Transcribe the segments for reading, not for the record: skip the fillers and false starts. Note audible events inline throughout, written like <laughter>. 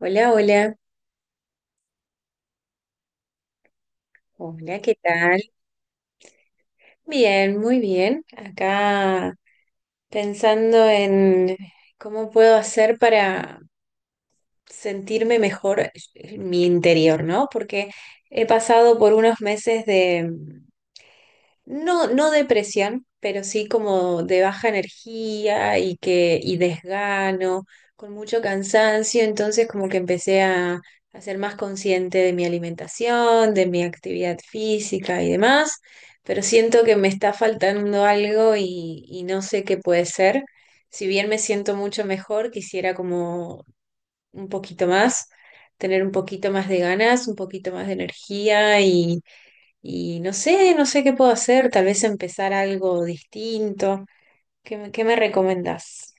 Hola, hola. Hola, ¿qué tal? Bien, muy bien. Acá pensando en cómo puedo hacer para sentirme mejor en mi interior, ¿no? Porque he pasado por unos meses no, no depresión, pero sí como de baja energía y desgano, con mucho cansancio. Entonces como que empecé a ser más consciente de mi alimentación, de mi actividad física y demás, pero siento que me está faltando algo y no sé qué puede ser. Si bien me siento mucho mejor, quisiera como un poquito más, tener un poquito más de ganas, un poquito más de energía y no sé qué puedo hacer, tal vez empezar algo distinto. ¿ Qué me recomendás?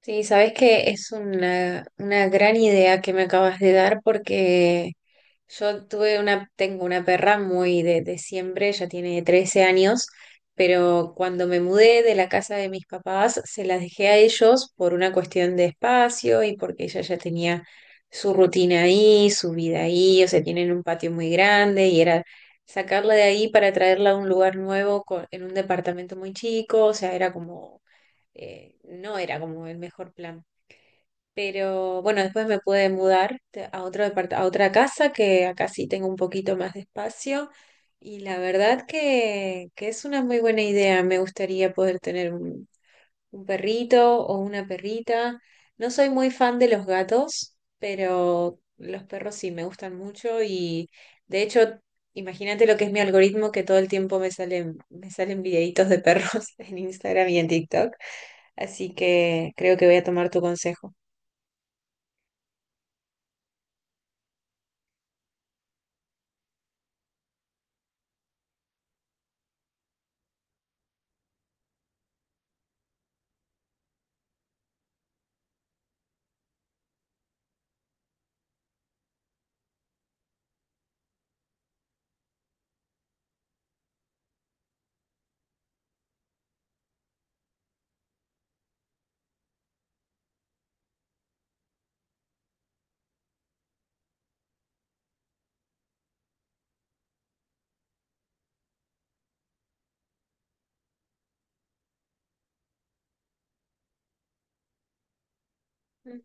Sí, sabes que es una gran idea que me acabas de dar, porque tengo una perra muy de siempre, ya tiene 13 años. Pero cuando me mudé de la casa de mis papás, se las dejé a ellos por una cuestión de espacio y porque ella ya tenía su rutina ahí, su vida ahí. O sea, tienen un patio muy grande y era sacarla de ahí para traerla a un lugar en un departamento muy chico. O sea, era como, no era como el mejor plan. Pero bueno, después me pude mudar a otra casa, que acá sí tengo un poquito más de espacio, y la verdad que es una muy buena idea. Me gustaría poder tener un perrito o una perrita. No soy muy fan de los gatos, pero los perros sí me gustan mucho. Y de hecho, imagínate lo que es mi algoritmo, que todo el tiempo me salen videitos de perros <laughs> en Instagram y en TikTok. Así que creo que voy a tomar tu consejo. Mm.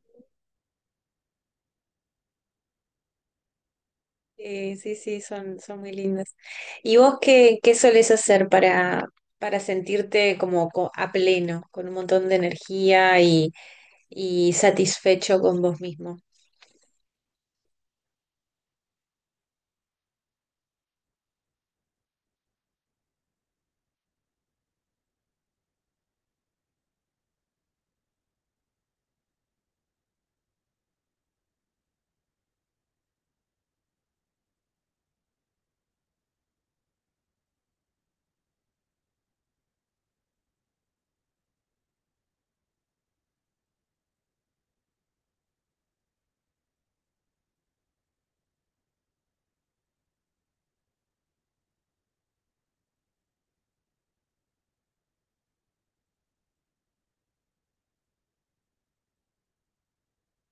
Sí, sí, son muy lindas. ¿Y vos qué solés hacer para sentirte como a pleno, con un montón de energía y satisfecho con vos mismo?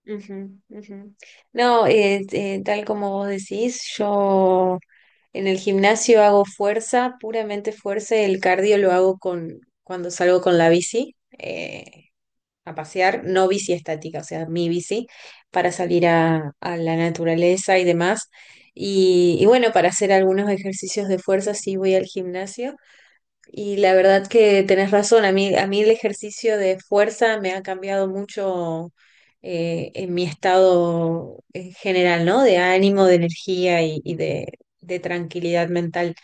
Ujú, ujú. No, tal como vos decís, yo en el gimnasio hago fuerza, puramente fuerza, y el cardio lo hago cuando salgo con la bici. A pasear, no bici estática, o sea, mi bici, para salir a la naturaleza y demás. Y y bueno, para hacer algunos ejercicios de fuerza sí voy al gimnasio. Y la verdad que tenés razón, a mí el ejercicio de fuerza me ha cambiado mucho, en mi estado en general, ¿no? De ánimo, de energía y de tranquilidad mental.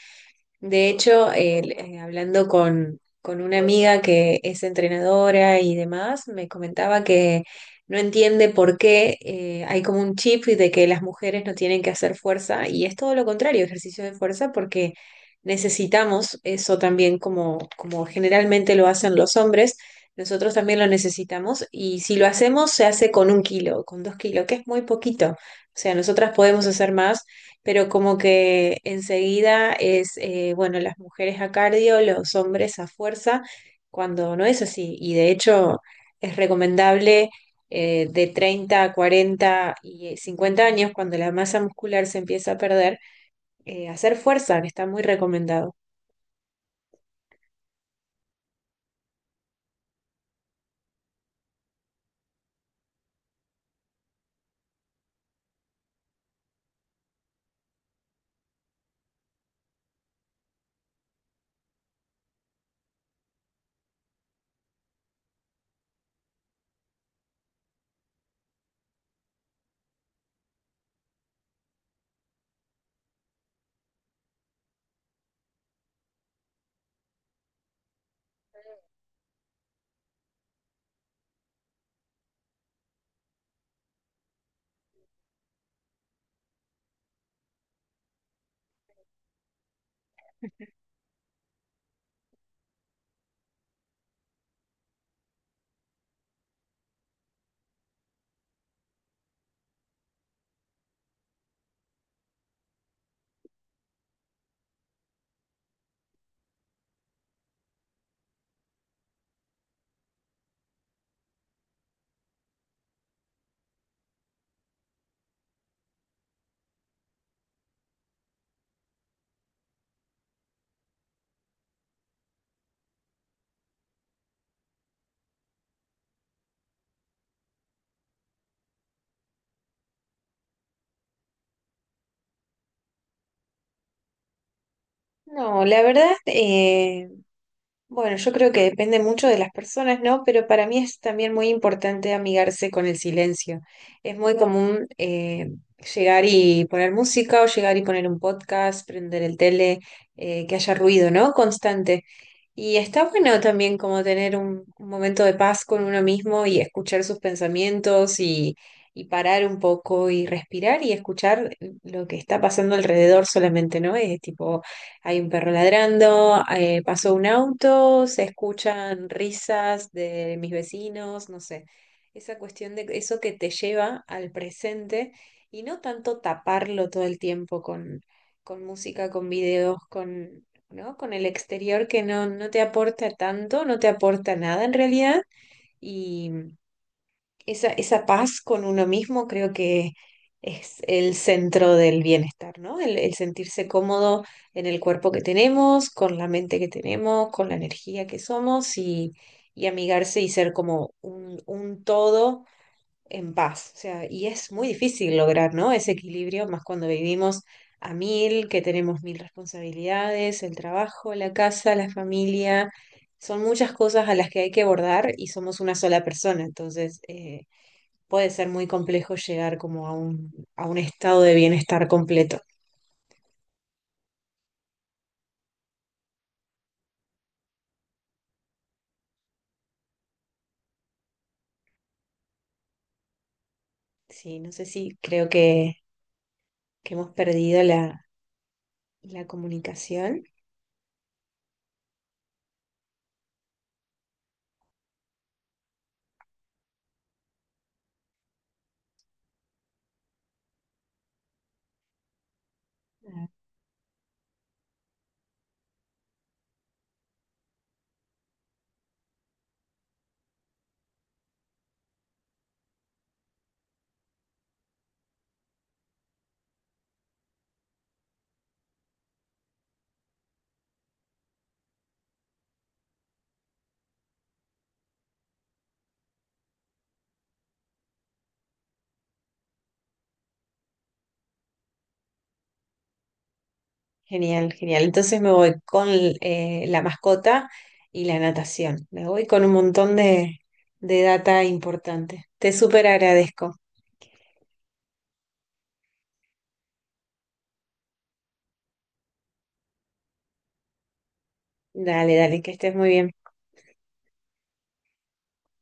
De hecho, hablando con una amiga que es entrenadora y demás, me comentaba que no entiende por qué hay como un chip de que las mujeres no tienen que hacer fuerza, y es todo lo contrario, ejercicio de fuerza, porque necesitamos eso también, como, como generalmente lo hacen los hombres, nosotros también lo necesitamos. Y si lo hacemos, se hace con 1 kilo, con 2 kilos, que es muy poquito. O sea, nosotras podemos hacer más, pero como que enseguida es, bueno, las mujeres a cardio, los hombres a fuerza, cuando no es así. Y de hecho es recomendable, de 30 a 40 y 50 años, cuando la masa muscular se empieza a perder, hacer fuerza, que está muy recomendado. No, la verdad, bueno, yo creo que depende mucho de las personas, ¿no? Pero para mí es también muy importante amigarse con el silencio. Es muy común, llegar y poner música, o llegar y poner un podcast, prender el tele, que haya ruido, ¿no? Constante. Y está bueno también como tener un momento de paz con uno mismo y escuchar sus pensamientos, y parar un poco y respirar y escuchar lo que está pasando alrededor solamente, ¿no? Es tipo, hay un perro ladrando, pasó un auto, se escuchan risas de mis vecinos, no sé. Esa cuestión de eso que te lleva al presente, y no tanto taparlo todo el tiempo con música, con videos, ¿no? Con el exterior, que no, no te aporta tanto, no te aporta nada en realidad. Y esa paz con uno mismo creo que es el centro del bienestar, ¿no? El sentirse cómodo en el cuerpo que tenemos, con la mente que tenemos, con la energía que somos, y amigarse y ser como un todo en paz. O sea, y es muy difícil lograr, ¿no? Ese equilibrio, más cuando vivimos a mil, que tenemos mil responsabilidades, el trabajo, la casa, la familia. Son muchas cosas a las que hay que abordar y somos una sola persona. Entonces, puede ser muy complejo llegar como a un estado de bienestar completo. Sí, no sé, si creo que, hemos perdido la comunicación. Genial, genial. Entonces me voy con la mascota y la natación. Me voy con un montón de data importante. Te súper agradezco. Dale, dale, que estés muy bien.